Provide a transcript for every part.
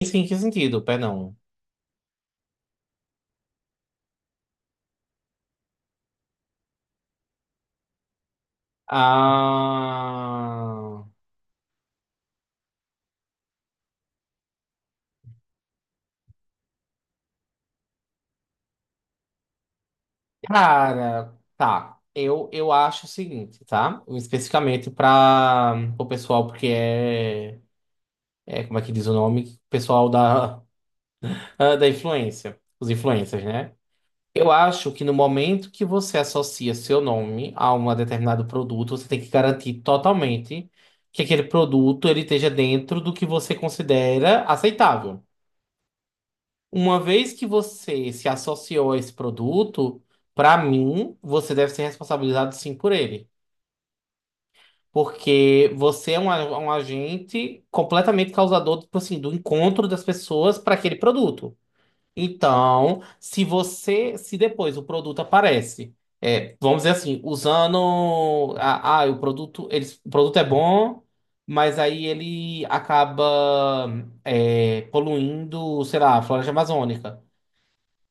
Isso em que sentido? Perdão. Ah, cara, tá. Eu acho o seguinte, tá? Especificamente para o pessoal, porque é, é. Como é que diz o nome? Pessoal da, da influência. Os influencers, né? Eu acho que no momento que você associa seu nome a um determinado produto, você tem que garantir totalmente que aquele produto ele esteja dentro do que você considera aceitável. Uma vez que você se associou a esse produto, para mim, você deve ser responsabilizado sim por ele. Porque você é um agente completamente causador, tipo assim, do encontro das pessoas para aquele produto. Então, se você, se depois o produto aparece, vamos dizer assim, usando, o produto, eles, o produto é bom, mas aí ele acaba, poluindo, sei lá, a floresta amazônica.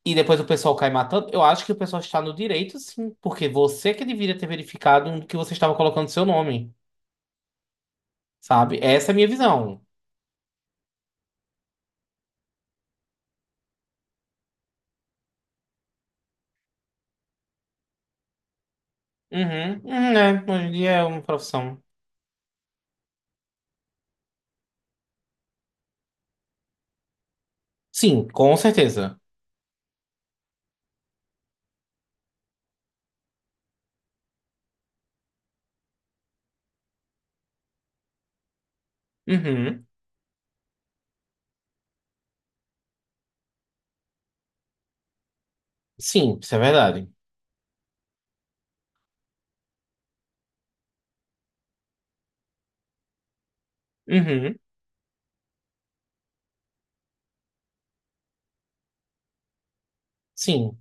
E depois o pessoal cai matando. Eu acho que o pessoal está no direito, sim, porque você que deveria ter verificado no que você estava colocando seu nome, sabe? Essa é a minha visão. Uhum, uhum, é, hoje em dia é uma profissão. Sim, com certeza. Uhum, sim, isso é verdade. Uhum, sim,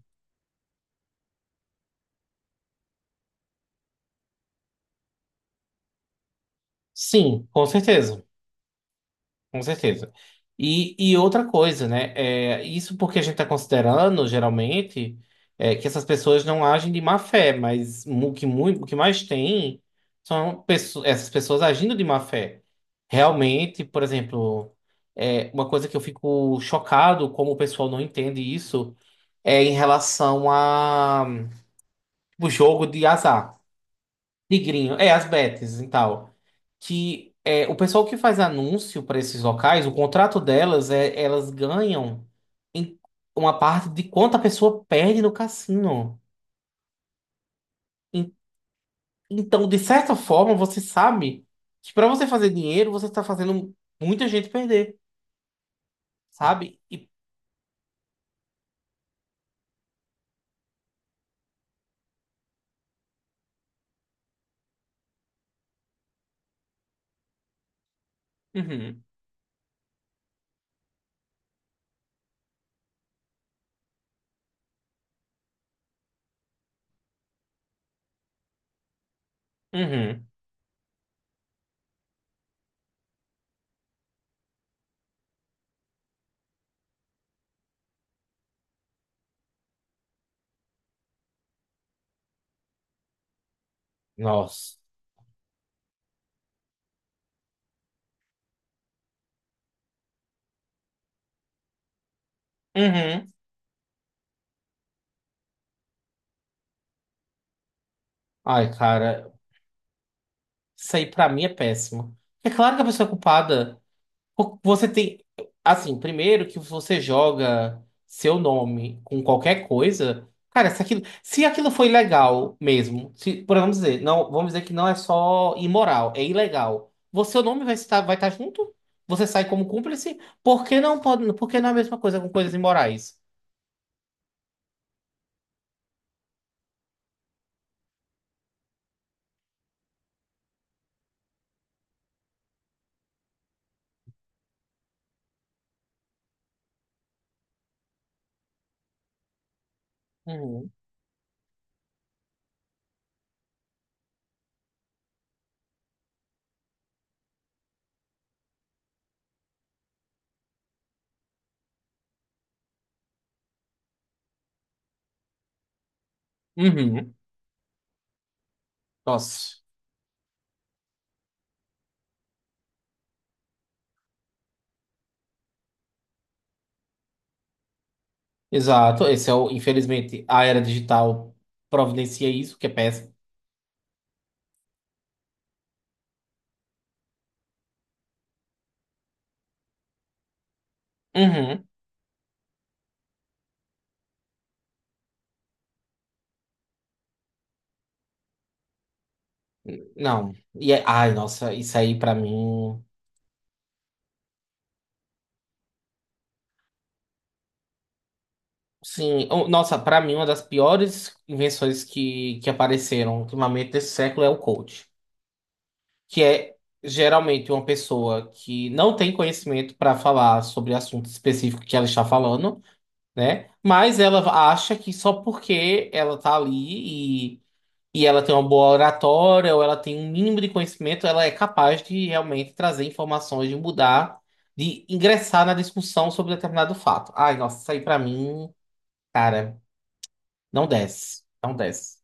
sim, com certeza. Com certeza. E outra coisa, né? Isso porque a gente está considerando, geralmente, que essas pessoas não agem de má fé, mas o que mais tem são essas pessoas agindo de má fé. Realmente, por exemplo, uma coisa que eu fico chocado como o pessoal não entende isso é em relação a o jogo de azar. Tigrinho, as bets e tal. Que é, o pessoal que faz anúncio para esses locais, o contrato delas é elas ganham em uma parte de quanto a pessoa perde no cassino. En- Então, de certa forma, você sabe que para você fazer dinheiro, você está fazendo muita gente perder, sabe? E... Uhum, uhum. Nossa. Uhum. Ai, cara, isso aí pra mim é péssimo. É claro que a pessoa é culpada. Porque você tem. Assim, primeiro que você joga seu nome com qualquer coisa. Cara, se aquilo, se aquilo foi legal mesmo, se, por vamos dizer, não, vamos dizer que não é só imoral, é ilegal. Você, seu nome vai estar junto? Você sai como cúmplice? Por que não pode, por que não é a mesma coisa com coisas imorais? Uhum. Uhum. Nossa. Exato. Esse é o, infelizmente, a era digital providencia isso, que é péssimo. Uhum. Não. Ai, nossa, isso aí pra mim. Sim, nossa, pra mim uma das piores invenções que apareceram ultimamente nesse século é o coach, que é geralmente uma pessoa que não tem conhecimento para falar sobre assunto específico que ela está falando, né? Mas ela acha que só porque ela tá ali e ela tem uma boa oratória ou ela tem um mínimo de conhecimento, ela é capaz de realmente trazer informações, de mudar, de ingressar na discussão sobre determinado fato. Ai, nossa, isso aí pra mim, cara. Não desce. Não desce.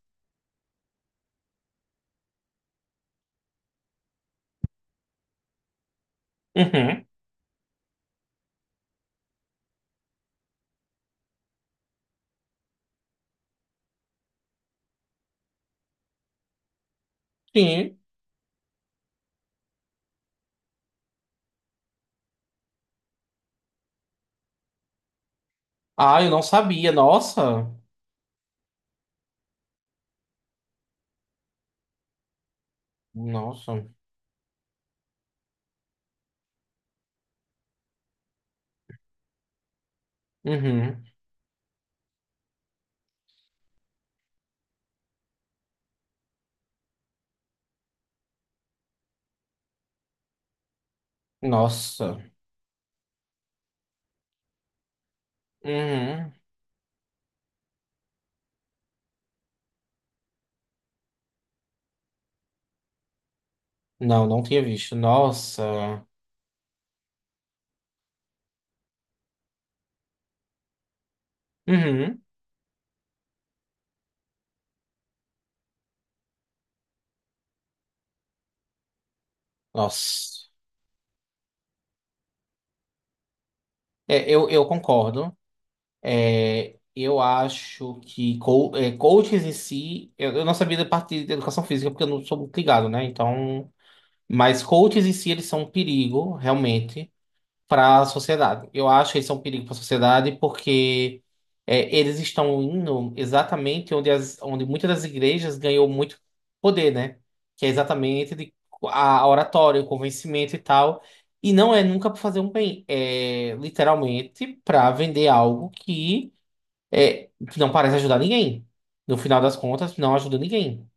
Uhum. Sim. Ah, eu não sabia. Nossa. Nossa. Uhum. Nossa. Uhum. Não, não tinha visto. Nossa. Uhum. Nossa. É, eu concordo. É, eu acho que coaches em si. Eu não sabia da parte de educação física, porque eu não sou muito ligado, né? Então. Mas coaches em si, eles são um perigo, realmente. Para a sociedade. Eu acho que eles são um perigo para a sociedade porque eles estão indo exatamente onde, as, onde muitas das igrejas ganhou muito poder, né? Que é exatamente de, a oratória, o convencimento e tal. E não é nunca para fazer um bem, é literalmente para vender algo que, é, que não parece ajudar ninguém. No final das contas, não ajuda ninguém.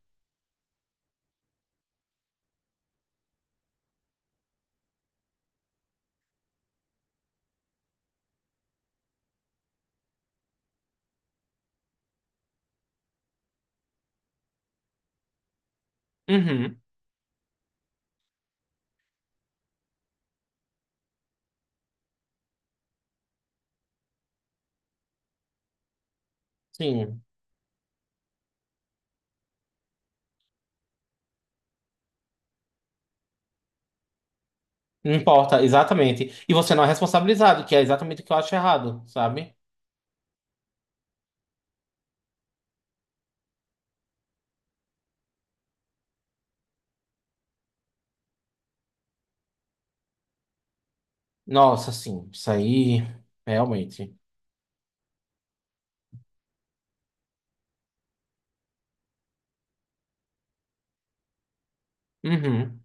Uhum. Sim. Não importa, exatamente. E você não é responsabilizado, que é exatamente o que eu acho errado, sabe? Nossa, sim, isso aí realmente. Uhum.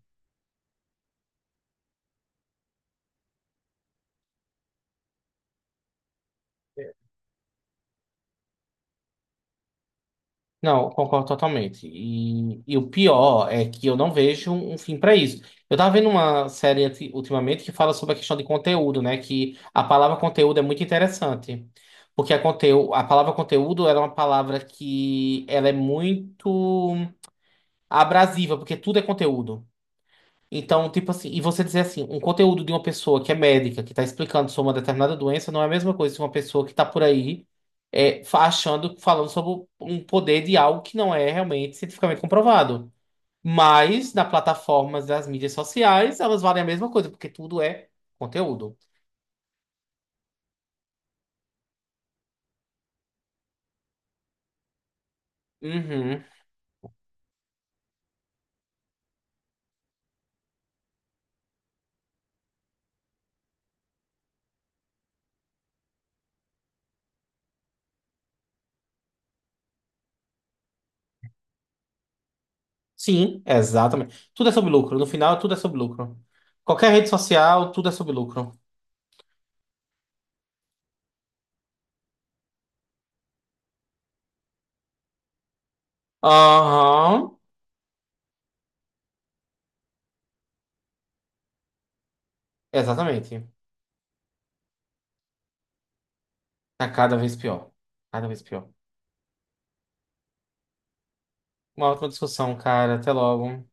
Não, concordo totalmente. E o pior é que eu não vejo um fim para isso. Eu tava vendo uma série ultimamente que fala sobre a questão de conteúdo, né? Que a palavra conteúdo é muito interessante. Porque a, a palavra conteúdo ela é uma palavra que ela é muito abrasiva, porque tudo é conteúdo. Então, tipo assim, e você dizer assim, um conteúdo de uma pessoa que é médica, que está explicando sobre uma determinada doença, não é a mesma coisa que uma pessoa que está por aí achando, falando sobre um poder de algo que não é realmente cientificamente comprovado. Mas, nas plataformas das mídias sociais, elas valem a mesma coisa, porque tudo é conteúdo. Uhum. Sim, exatamente. Tudo é sobre lucro. No final, tudo é sobre lucro. Qualquer rede social, tudo é sobre lucro. Aham, exatamente. Tá cada vez pior. Cada vez pior. Uma ótima discussão, cara. Até logo.